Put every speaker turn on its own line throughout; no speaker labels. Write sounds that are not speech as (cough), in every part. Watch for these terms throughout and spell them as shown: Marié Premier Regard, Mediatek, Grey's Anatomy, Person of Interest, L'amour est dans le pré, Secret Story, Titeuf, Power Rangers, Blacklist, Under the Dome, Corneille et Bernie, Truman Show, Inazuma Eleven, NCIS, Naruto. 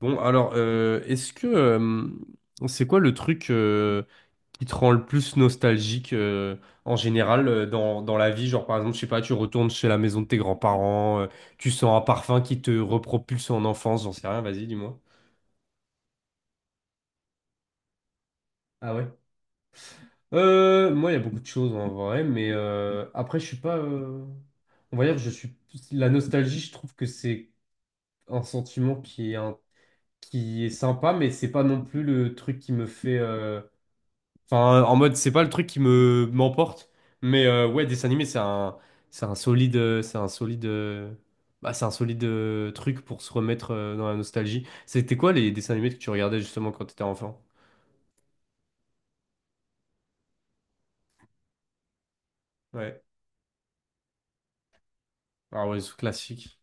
Bon, alors, est-ce que c'est quoi le truc qui te rend le plus nostalgique en général, dans la vie? Genre, par exemple, je sais pas, tu retournes chez la maison de tes grands-parents, tu sens un parfum qui te repropulse en enfance, j'en sais rien, vas-y, dis-moi. Ah ouais? Moi, il y a beaucoup de choses en vrai, mais après, je suis pas. On va dire, je suis. La nostalgie, je trouve que c'est un sentiment qui est, qui est sympa, mais c'est pas non plus le truc qui me fait. Enfin, en mode, c'est pas le truc qui me m'emporte, mais ouais, dessin animé, c'est un solide, bah, c'est un solide truc pour se remettre dans la nostalgie. C'était quoi les dessins animés que tu regardais justement quand t'étais enfant? Ouais, ah ouais, c'est classique.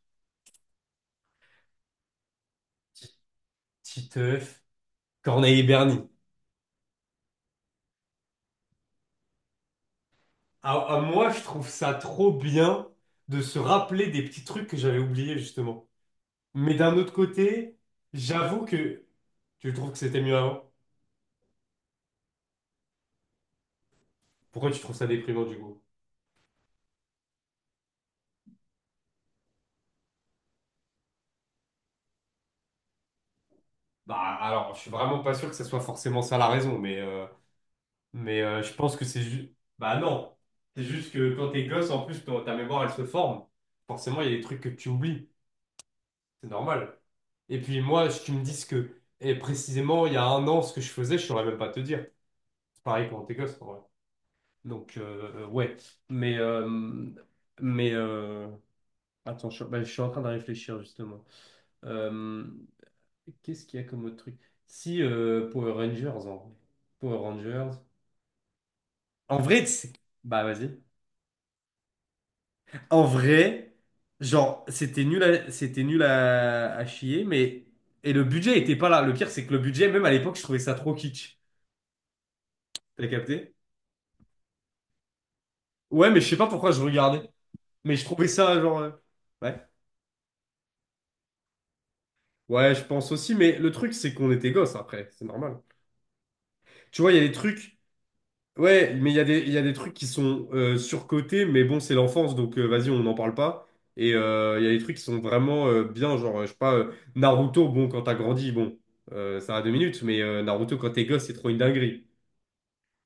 Ti- Titeuf, Corneille et Bernie. Ah, ah, moi, je trouve ça trop bien de se rappeler des petits trucs que j'avais oubliés justement. Mais d'un autre côté, j'avoue que tu trouves que c'était mieux avant. Pourquoi tu trouves ça déprimant du coup? Bah, alors, je suis vraiment pas sûr que ça soit forcément ça la raison, mais, je pense que c'est juste. Bah, non. C'est juste que quand t'es gosse, en plus, ta mémoire, elle se forme. Forcément, il y a des trucs que tu oublies. C'est normal. Et puis, moi, si tu me dis ce que. Et précisément, il y a un an, ce que je faisais, je saurais même pas te dire. C'est pareil quand t'es gosse, en vrai. Donc, ouais. Mais. euh, mais. euh, Attends, bah, je suis en train de réfléchir, justement. Euh, Qu'est-ce qu'il y a comme autre truc? Si, Power Rangers, en vrai. Power Rangers. En vrai, bah vas-y. En vrai, genre, c'était nul à chier, mais. Et le budget était pas là. Le pire, c'est que le budget, même à l'époque, je trouvais ça trop kitsch. T'as capté? Ouais, mais je sais pas pourquoi je regardais. Mais je trouvais ça, genre. Ouais. Ouais, je pense aussi, mais le truc, c'est qu'on était gosses après. C'est normal. Tu vois, il y a des trucs. Ouais, mais il y a des trucs qui sont surcotés, mais bon, c'est l'enfance, donc vas-y, on n'en parle pas. Et il y a des trucs qui sont vraiment bien, genre, je sais pas, Naruto, bon, quand t'as grandi, bon, ça a deux minutes, mais Naruto, quand t'es gosse, c'est trop une dinguerie.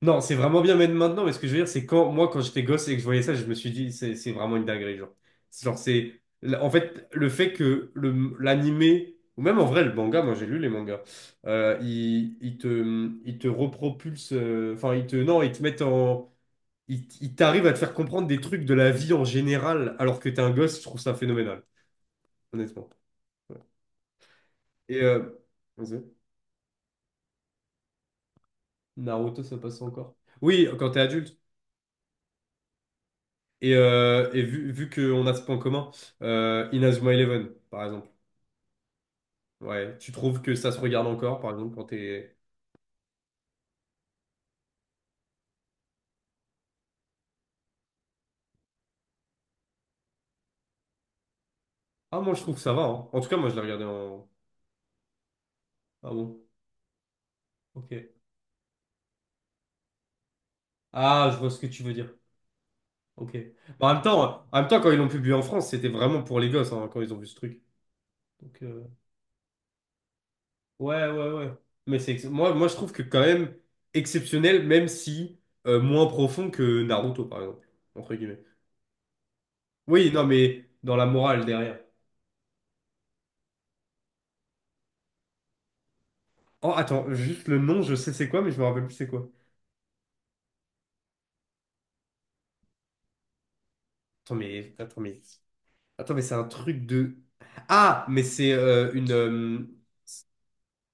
Non, c'est vraiment bien même maintenant, mais ce que je veux dire, c'est quand moi, quand j'étais gosse et que je voyais ça, je me suis dit, c'est vraiment une dinguerie, genre. En fait, le fait que le l'animé, ou même en vrai, le manga, moi j'ai lu les mangas, il te repropulse, enfin, il te. Non, il te met en. Il t'arrive à te faire comprendre des trucs de la vie en général, alors que t'es un gosse, je trouve ça phénoménal, honnêtement. Ouais. Et. Vas-y. Naruto, ça passe encore. Oui, quand t'es adulte. Et, vu qu'on a ce point commun, Inazuma Eleven, par exemple. Ouais, tu trouves que ça se regarde encore, par exemple, quand t'es... Ah, moi, je trouve que ça va, hein. En tout cas, moi, je l'ai regardé en... Ah bon? Ok. Ah, je vois ce que tu veux dire. Ok. Bah, en même temps, quand ils l'ont publié en France, c'était vraiment pour les gosses, hein, quand ils ont vu ce truc. Donc, Ouais, ouais, ouais. Mais Moi, je trouve que quand même exceptionnel, même si moins profond que Naruto, par exemple, entre guillemets. Oui, non, mais dans la morale derrière. Oh, attends, juste le nom, je sais c'est quoi, mais je me rappelle plus c'est quoi. Attends, mais... Attends, mais... Attends, mais c'est un truc de... Ah, mais c'est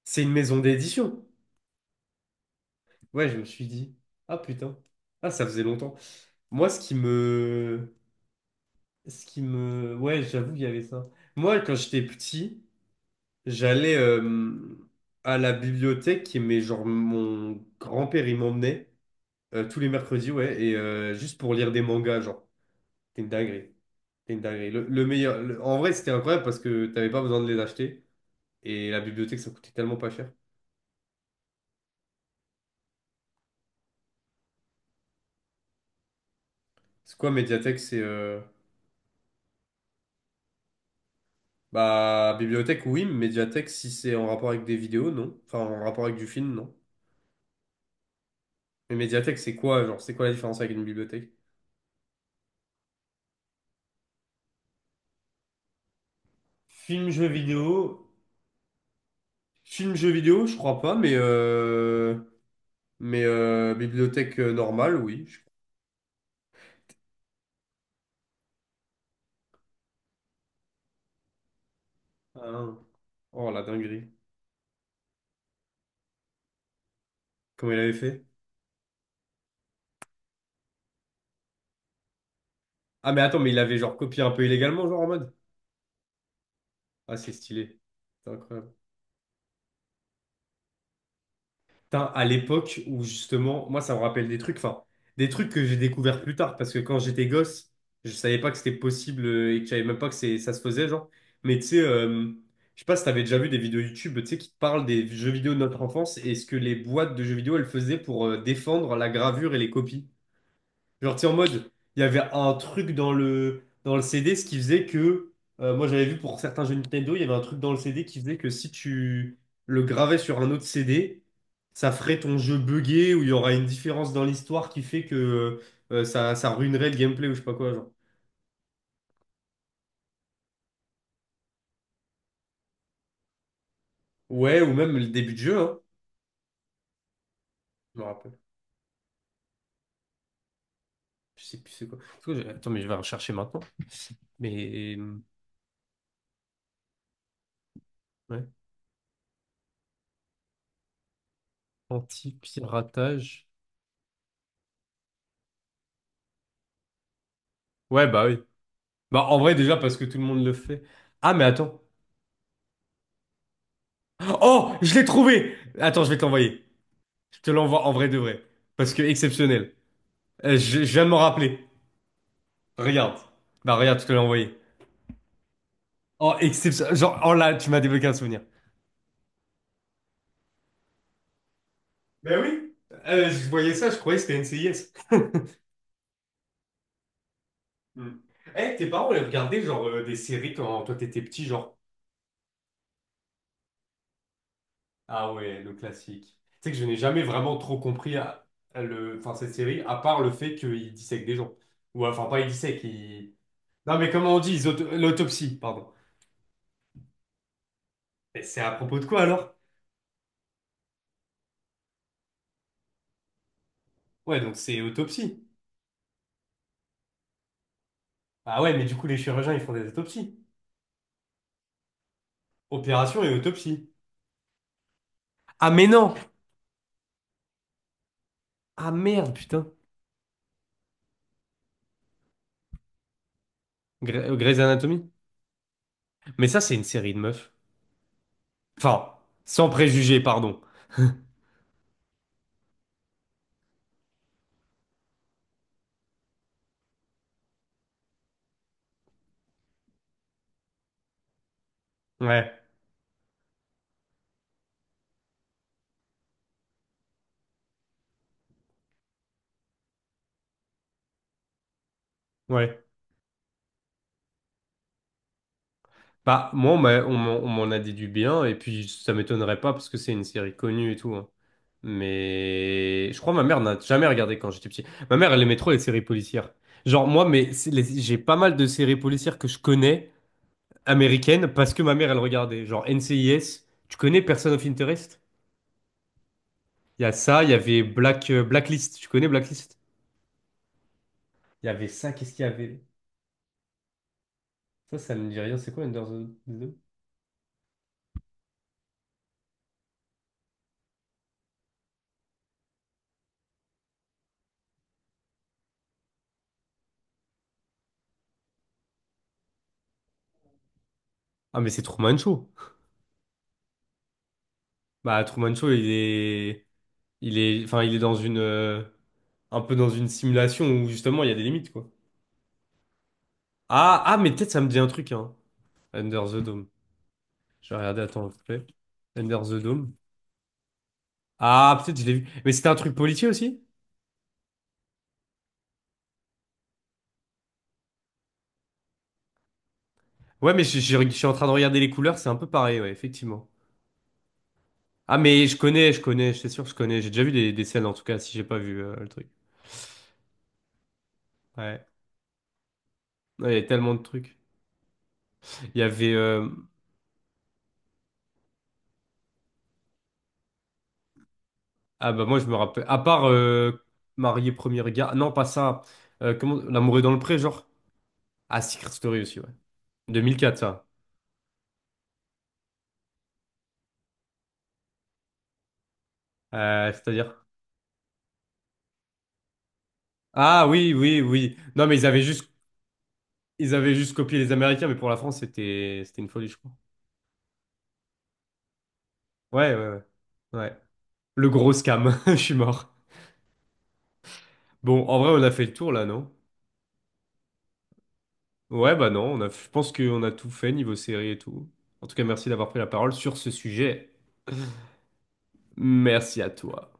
C'est une maison d'édition. Ouais, je me suis dit. Ah, putain. Ah, ça faisait longtemps. Moi, ce qui me... Ce qui me... Ouais, j'avoue qu'il y avait ça. Moi, quand j'étais petit, j'allais à la bibliothèque, qui mais genre mon grand-père, il m'emmenait tous les mercredis, ouais, et juste pour lire des mangas, genre. C'était une dinguerie. C'était une dinguerie. En vrai, c'était incroyable parce que t'avais pas besoin de les acheter et la bibliothèque, ça coûtait tellement pas cher. C'est quoi Mediatek? C'est bah bibliothèque, oui, mais médiathèque si c'est en rapport avec des vidéos, non. Enfin, en rapport avec du film, non. Mais Mediatek c'est quoi, genre, c'est quoi la différence avec une bibliothèque? Film, jeu vidéo, film, jeu vidéo, je crois pas, mais bibliothèque normale, oui. Ah, oh la dinguerie. Comment il avait fait? Ah mais attends, mais il avait genre copié un peu illégalement, genre en mode. Ah c'est stylé. C'est incroyable. Putain, à l'époque où justement, moi ça me rappelle des trucs, enfin, des trucs que j'ai découvert plus tard, parce que quand j'étais gosse, je savais pas que c'était possible et que je savais même pas que c'est, ça se faisait, genre. Mais tu sais, je sais pas si t'avais déjà vu des vidéos YouTube, tu sais, qui te parlent des jeux vidéo de notre enfance et ce que les boîtes de jeux vidéo, elles faisaient pour défendre la gravure et les copies. Genre, tu sais, en mode, il y avait un truc dans dans le CD, ce qui faisait que, moi j'avais vu pour certains jeux Nintendo, il y avait un truc dans le CD qui faisait que si tu le gravais sur un autre CD, ça ferait ton jeu buggé ou il y aura une différence dans l'histoire qui fait que ça ruinerait le gameplay ou je sais pas quoi, genre. Ouais, ou même le début de jeu, hein. Je me rappelle. Je sais plus c'est quoi. Parce que attends, mais je vais rechercher maintenant. Mais, ouais. Anti-piratage. Ouais, bah oui. Bah en vrai, déjà parce que tout le monde le fait. Ah, mais attends. Oh, je l'ai trouvé! Attends, je vais te l'envoyer. Je te l'envoie en vrai de vrai. Parce que exceptionnel. Je viens de m'en rappeler. Regarde. Bah regarde, je te l'ai envoyé. Oh, exceptionnel. Genre, oh là, tu m'as débloqué un souvenir. Ben oui. Je voyais ça, je croyais que c'était NCIS. Hmm. Eh, tes parents, ils regardaient genre des séries quand toi t'étais petit, genre. Ah ouais, le classique. Tu sais que je n'ai jamais vraiment trop compris à le... enfin, cette série, à part le fait qu'ils dissèquent des gens. Ou enfin, pas ils dissèquent, ils... Non mais comment on dit, l'autopsie, pardon. Mais c'est à propos de quoi alors? Ouais, donc c'est autopsie. Ah ouais, mais du coup, les chirurgiens, ils font des autopsies. Opération et autopsie. Ah mais non! Ah merde, putain. Grey's Anatomy? Mais ça, c'est une série de meufs. Enfin, sans préjugés, pardon. Ouais, ouais. Bah, moi, on m'en a déduit bien, et puis ça m'étonnerait pas parce que c'est une série connue et tout, hein. Mais je crois que ma mère n'a jamais regardé quand j'étais petit. Ma mère, elle aimait trop les séries policières. Genre, moi, mais j'ai pas mal de séries policières que je connais. Américaine parce que ma mère, elle regardait. Genre NCIS. Tu connais Person of Interest? Il y a ça, il y avait Blacklist. Tu connais Blacklist? Il y avait ça, qu'est-ce qu'il y avait? Ça ne me dit rien. C'est quoi Under the... Dome? Ah, mais c'est Truman Show. Bah, Truman Show, il est. Il est. Enfin, il est dans une. Un peu dans une simulation où justement il y a des limites, quoi. Ah, ah, mais peut-être ça me dit un truc, hein. Under the Dome. Je vais regarder, attends, s'il te plaît. Under the Dome. Ah, peut-être je l'ai vu. Mais c'était un truc policier aussi? Ouais, mais je suis en train de regarder les couleurs, c'est un peu pareil, ouais, effectivement. Ah, mais je connais, c'est sûr que je connais. J'ai déjà vu des scènes, en tout cas, si j'ai pas vu le truc. Ouais. Ouais, il y a tellement de trucs. Il y avait... Ah bah moi, je me rappelle... À part Marié Premier Regard... Non, pas ça. L'amour est dans le pré, genre. Ah, Secret Story aussi, ouais. 2004, ça. Euh, c'est-à-dire... Ah oui, oui, oui. Non, mais ils avaient juste... Ils avaient juste copié les Américains, mais pour la France, c'était une folie, je crois. Ouais, ouais, ouais. Ouais. Le gros scam. (laughs) Je suis mort. Bon, en vrai, on a fait le tour là, non? Ouais, bah non, on a, je pense qu'on a tout fait niveau série et tout. En tout cas, merci d'avoir pris la parole sur ce sujet. Merci à toi.